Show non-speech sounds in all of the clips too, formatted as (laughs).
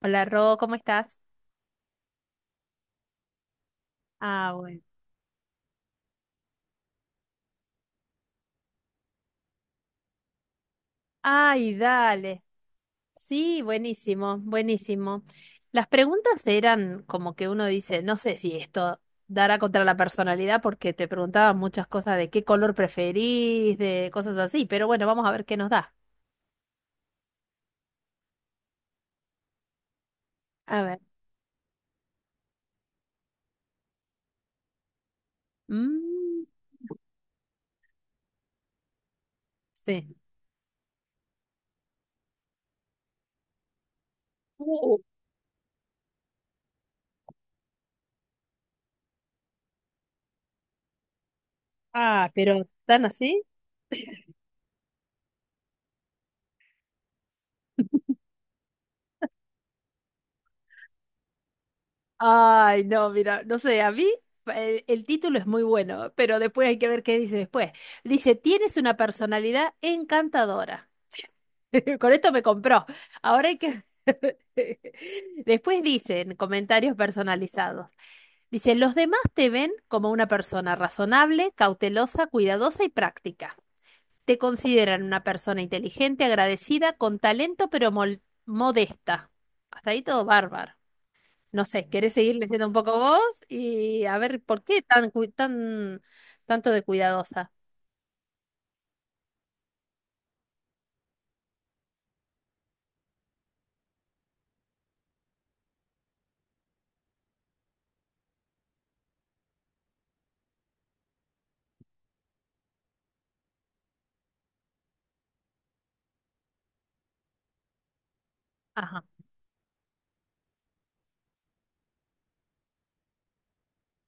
Hola, Ro, ¿cómo estás? Ah, bueno. Ay, dale. Sí, buenísimo, buenísimo. Las preguntas eran como que uno dice, no sé si esto dará contra la personalidad porque te preguntaban muchas cosas de qué color preferís, de cosas así, pero bueno, vamos a ver qué nos da. A ver. Mm, sí. Uh, ah, pero ¿están así? Ay, no, mira, no sé, a mí el, título es muy bueno, pero después hay que ver qué dice después. Dice, tienes una personalidad encantadora. (laughs) Con esto me compró. Ahora hay que... (laughs) Después dicen comentarios personalizados. Dice, los demás te ven como una persona razonable, cautelosa, cuidadosa y práctica. Te consideran una persona inteligente, agradecida, con talento, pero modesta. Hasta ahí todo bárbaro. No sé, ¿querés seguir leyendo un poco vos? Y a ver, ¿por qué tan, tan tanto de cuidadosa? Ajá,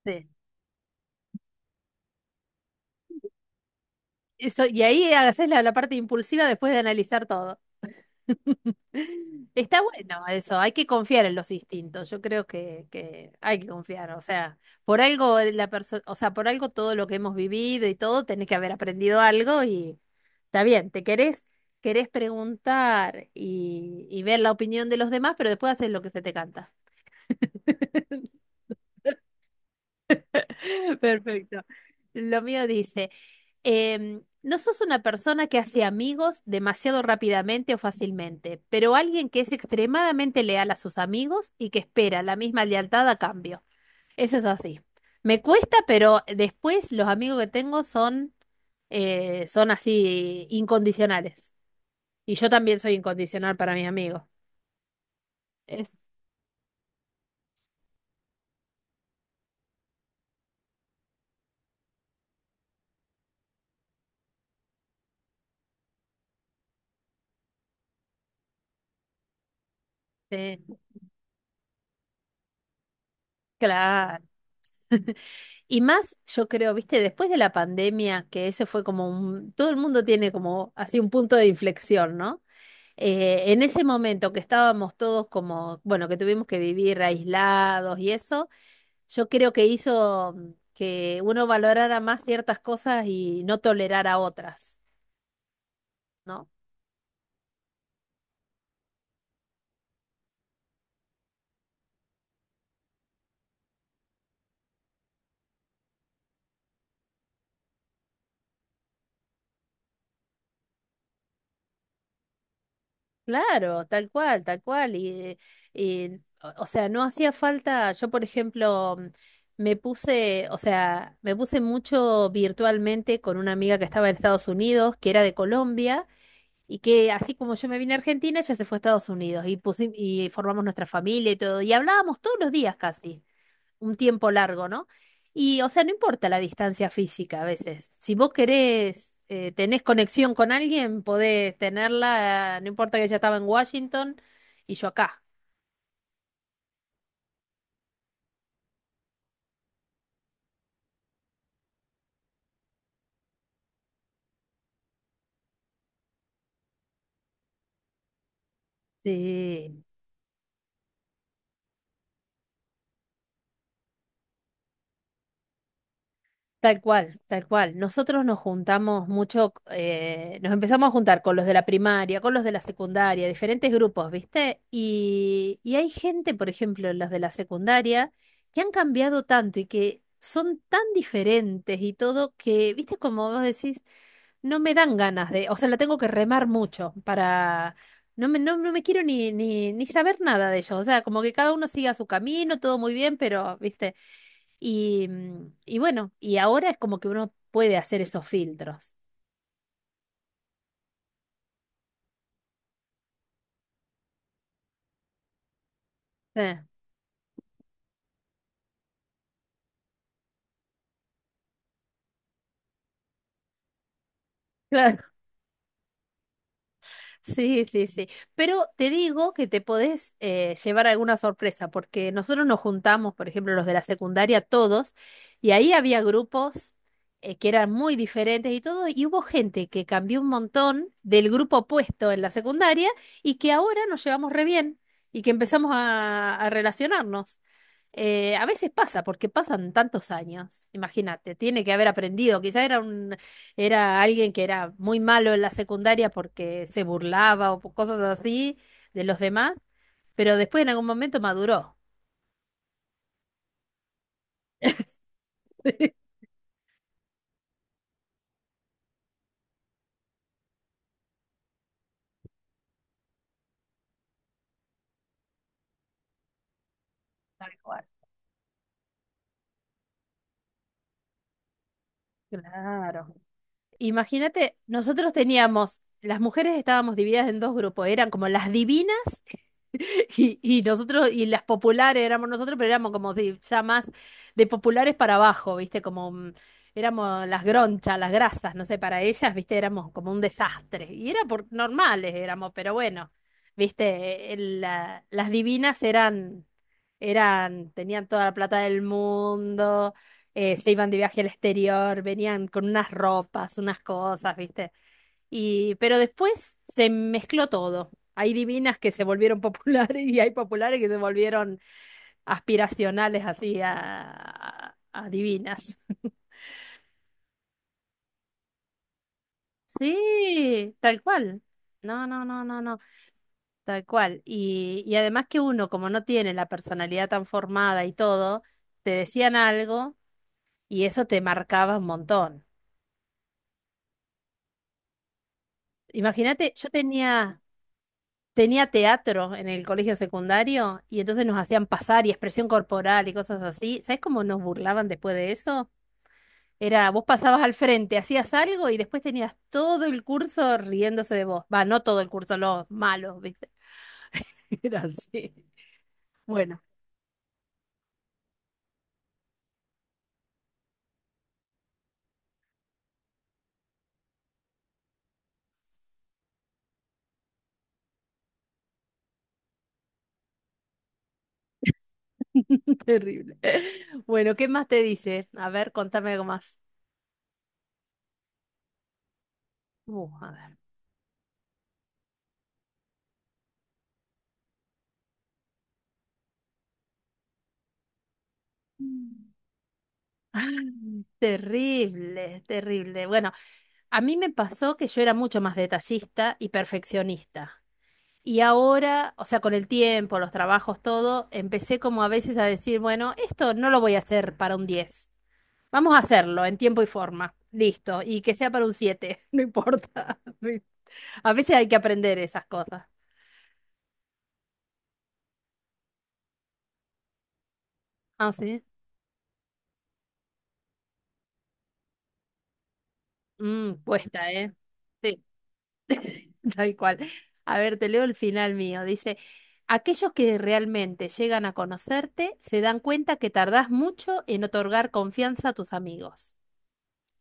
sí. Eso, y ahí haces la, la parte impulsiva después de analizar todo. (laughs) Está bueno eso, hay que confiar en los instintos. Yo creo que hay que confiar. O sea, por algo la o sea, por algo todo lo que hemos vivido y todo, tenés que haber aprendido algo y está bien, te querés, querés preguntar y ver la opinión de los demás, pero después haces lo que se te canta. (laughs) Perfecto. Lo mío dice, no sos una persona que hace amigos demasiado rápidamente o fácilmente, pero alguien que es extremadamente leal a sus amigos y que espera la misma lealtad a cambio. Eso es así. Me cuesta, pero después los amigos que tengo son, son así incondicionales. Y yo también soy incondicional para mis amigos. Este, claro. (laughs) Y más, yo creo, viste, después de la pandemia, que ese fue como un, todo el mundo tiene como así un punto de inflexión, ¿no? En ese momento que estábamos todos como, bueno, que tuvimos que vivir aislados y eso, yo creo que hizo que uno valorara más ciertas cosas y no tolerara otras, ¿no? Claro, tal cual, tal cual. Y, o sea, no hacía falta, yo por ejemplo, me puse, o sea, me puse mucho virtualmente con una amiga que estaba en Estados Unidos, que era de Colombia, y que así como yo me vine a Argentina, ella se fue a Estados Unidos y, y formamos nuestra familia y todo, y hablábamos todos los días casi un tiempo largo, ¿no? Y, o sea, no importa la distancia física a veces. Si vos querés, tenés conexión con alguien, podés tenerla, no importa que ella estaba en Washington y yo acá. Sí, tal cual, tal cual. Nosotros nos juntamos mucho, nos empezamos a juntar con los de la primaria, con los de la secundaria, diferentes grupos, ¿viste? Y hay gente, por ejemplo, los de la secundaria, que han cambiado tanto y que son tan diferentes y todo que, ¿viste? Como vos decís, no me dan ganas de, o sea, la tengo que remar mucho para, no me, no, no me quiero ni, ni, ni saber nada de ellos, o sea, como que cada uno siga su camino, todo muy bien, pero, ¿viste? Y, y bueno, y ahora es como que uno puede hacer esos filtros. Eh, (laughs) claro. Sí, sí, sí. Pero te digo que te podés llevar alguna sorpresa, porque nosotros nos juntamos, por ejemplo, los de la secundaria, todos, y ahí había grupos que eran muy diferentes y todo, y hubo gente que cambió un montón del grupo opuesto en la secundaria y que ahora nos llevamos re bien y que empezamos a relacionarnos. A veces pasa, porque pasan tantos años, imagínate, tiene que haber aprendido, quizá era un era alguien que era muy malo en la secundaria porque se burlaba o por cosas así de los demás, pero después en algún momento maduró. (laughs) Tal cual. Claro. Imagínate, nosotros teníamos, las mujeres estábamos divididas en dos grupos, eran como las divinas (laughs) y nosotros, y las populares éramos nosotros, pero éramos como si ya más de populares para abajo, ¿viste? Como éramos las gronchas, las grasas, no sé, para ellas, ¿viste? Éramos como un desastre. Y era por normales éramos, pero bueno, ¿viste? Las divinas eran, eran, tenían toda la plata del mundo, se iban de viaje al exterior, venían con unas ropas, unas cosas, ¿viste? Y, pero después se mezcló todo. Hay divinas que se volvieron (laughs) populares y hay populares que se volvieron aspiracionales así a divinas. Sí, tal cual. No, no, no, no, no, tal cual. Y además que uno, como no tiene la personalidad tan formada y todo, te decían algo y eso te marcaba un montón. Imagínate, yo tenía, tenía teatro en el colegio secundario y entonces nos hacían pasar y expresión corporal y cosas así. ¿Sabes cómo nos burlaban después de eso? Era, vos pasabas al frente, hacías algo y después tenías todo el curso riéndose de vos. Va, no todo el curso, los malos, ¿viste? (laughs) Era así. Bueno, (laughs) terrible. Bueno, ¿qué más te dice? A ver, contame algo más. A ver. (laughs) Terrible, terrible. Bueno, a mí me pasó que yo era mucho más detallista y perfeccionista. Y ahora, o sea, con el tiempo, los trabajos, todo, empecé como a veces a decir, bueno, esto no lo voy a hacer para un 10, vamos a hacerlo en tiempo y forma. Listo. Y que sea para un 7, (laughs) no importa. (laughs) A veces hay que aprender esas cosas. Ah, sí. Mm, cuesta, ¿eh? Sí, (laughs) tal cual. A ver, te leo el final mío. Dice, aquellos que realmente llegan a conocerte se dan cuenta que tardás mucho en otorgar confianza a tus amigos.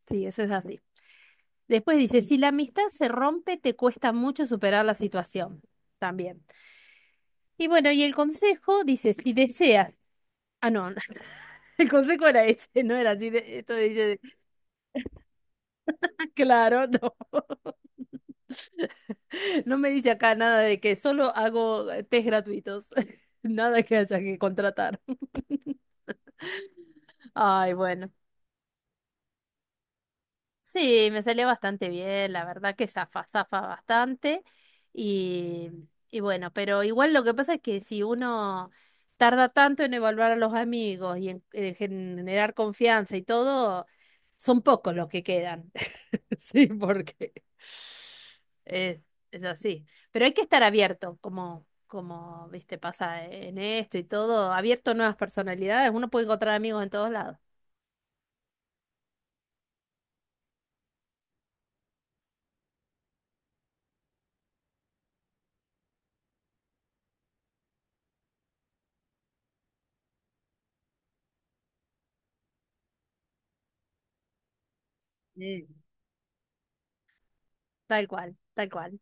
Sí, eso es así. Después dice, si la amistad se rompe, te cuesta mucho superar la situación. También. Y bueno, y el consejo dice, si deseas. Ah, no, (laughs) el consejo era ese, no era así. Esto dice, claro, no. (laughs) No me dice acá nada de que solo hago test gratuitos. (laughs) Nada que haya que contratar. Ay, bueno. Sí, me salió bastante bien, la verdad que zafa, zafa bastante. Y, y bueno, pero igual lo que pasa es que si uno tarda tanto en evaluar a los amigos y en generar confianza y todo, son pocos los que quedan. (laughs) Sí, porque es, es así. Pero hay que estar abierto, como, como, viste, pasa en esto y todo, abierto a nuevas personalidades. Uno puede encontrar amigos en todos lados. Sí. Tal cual, tal cual.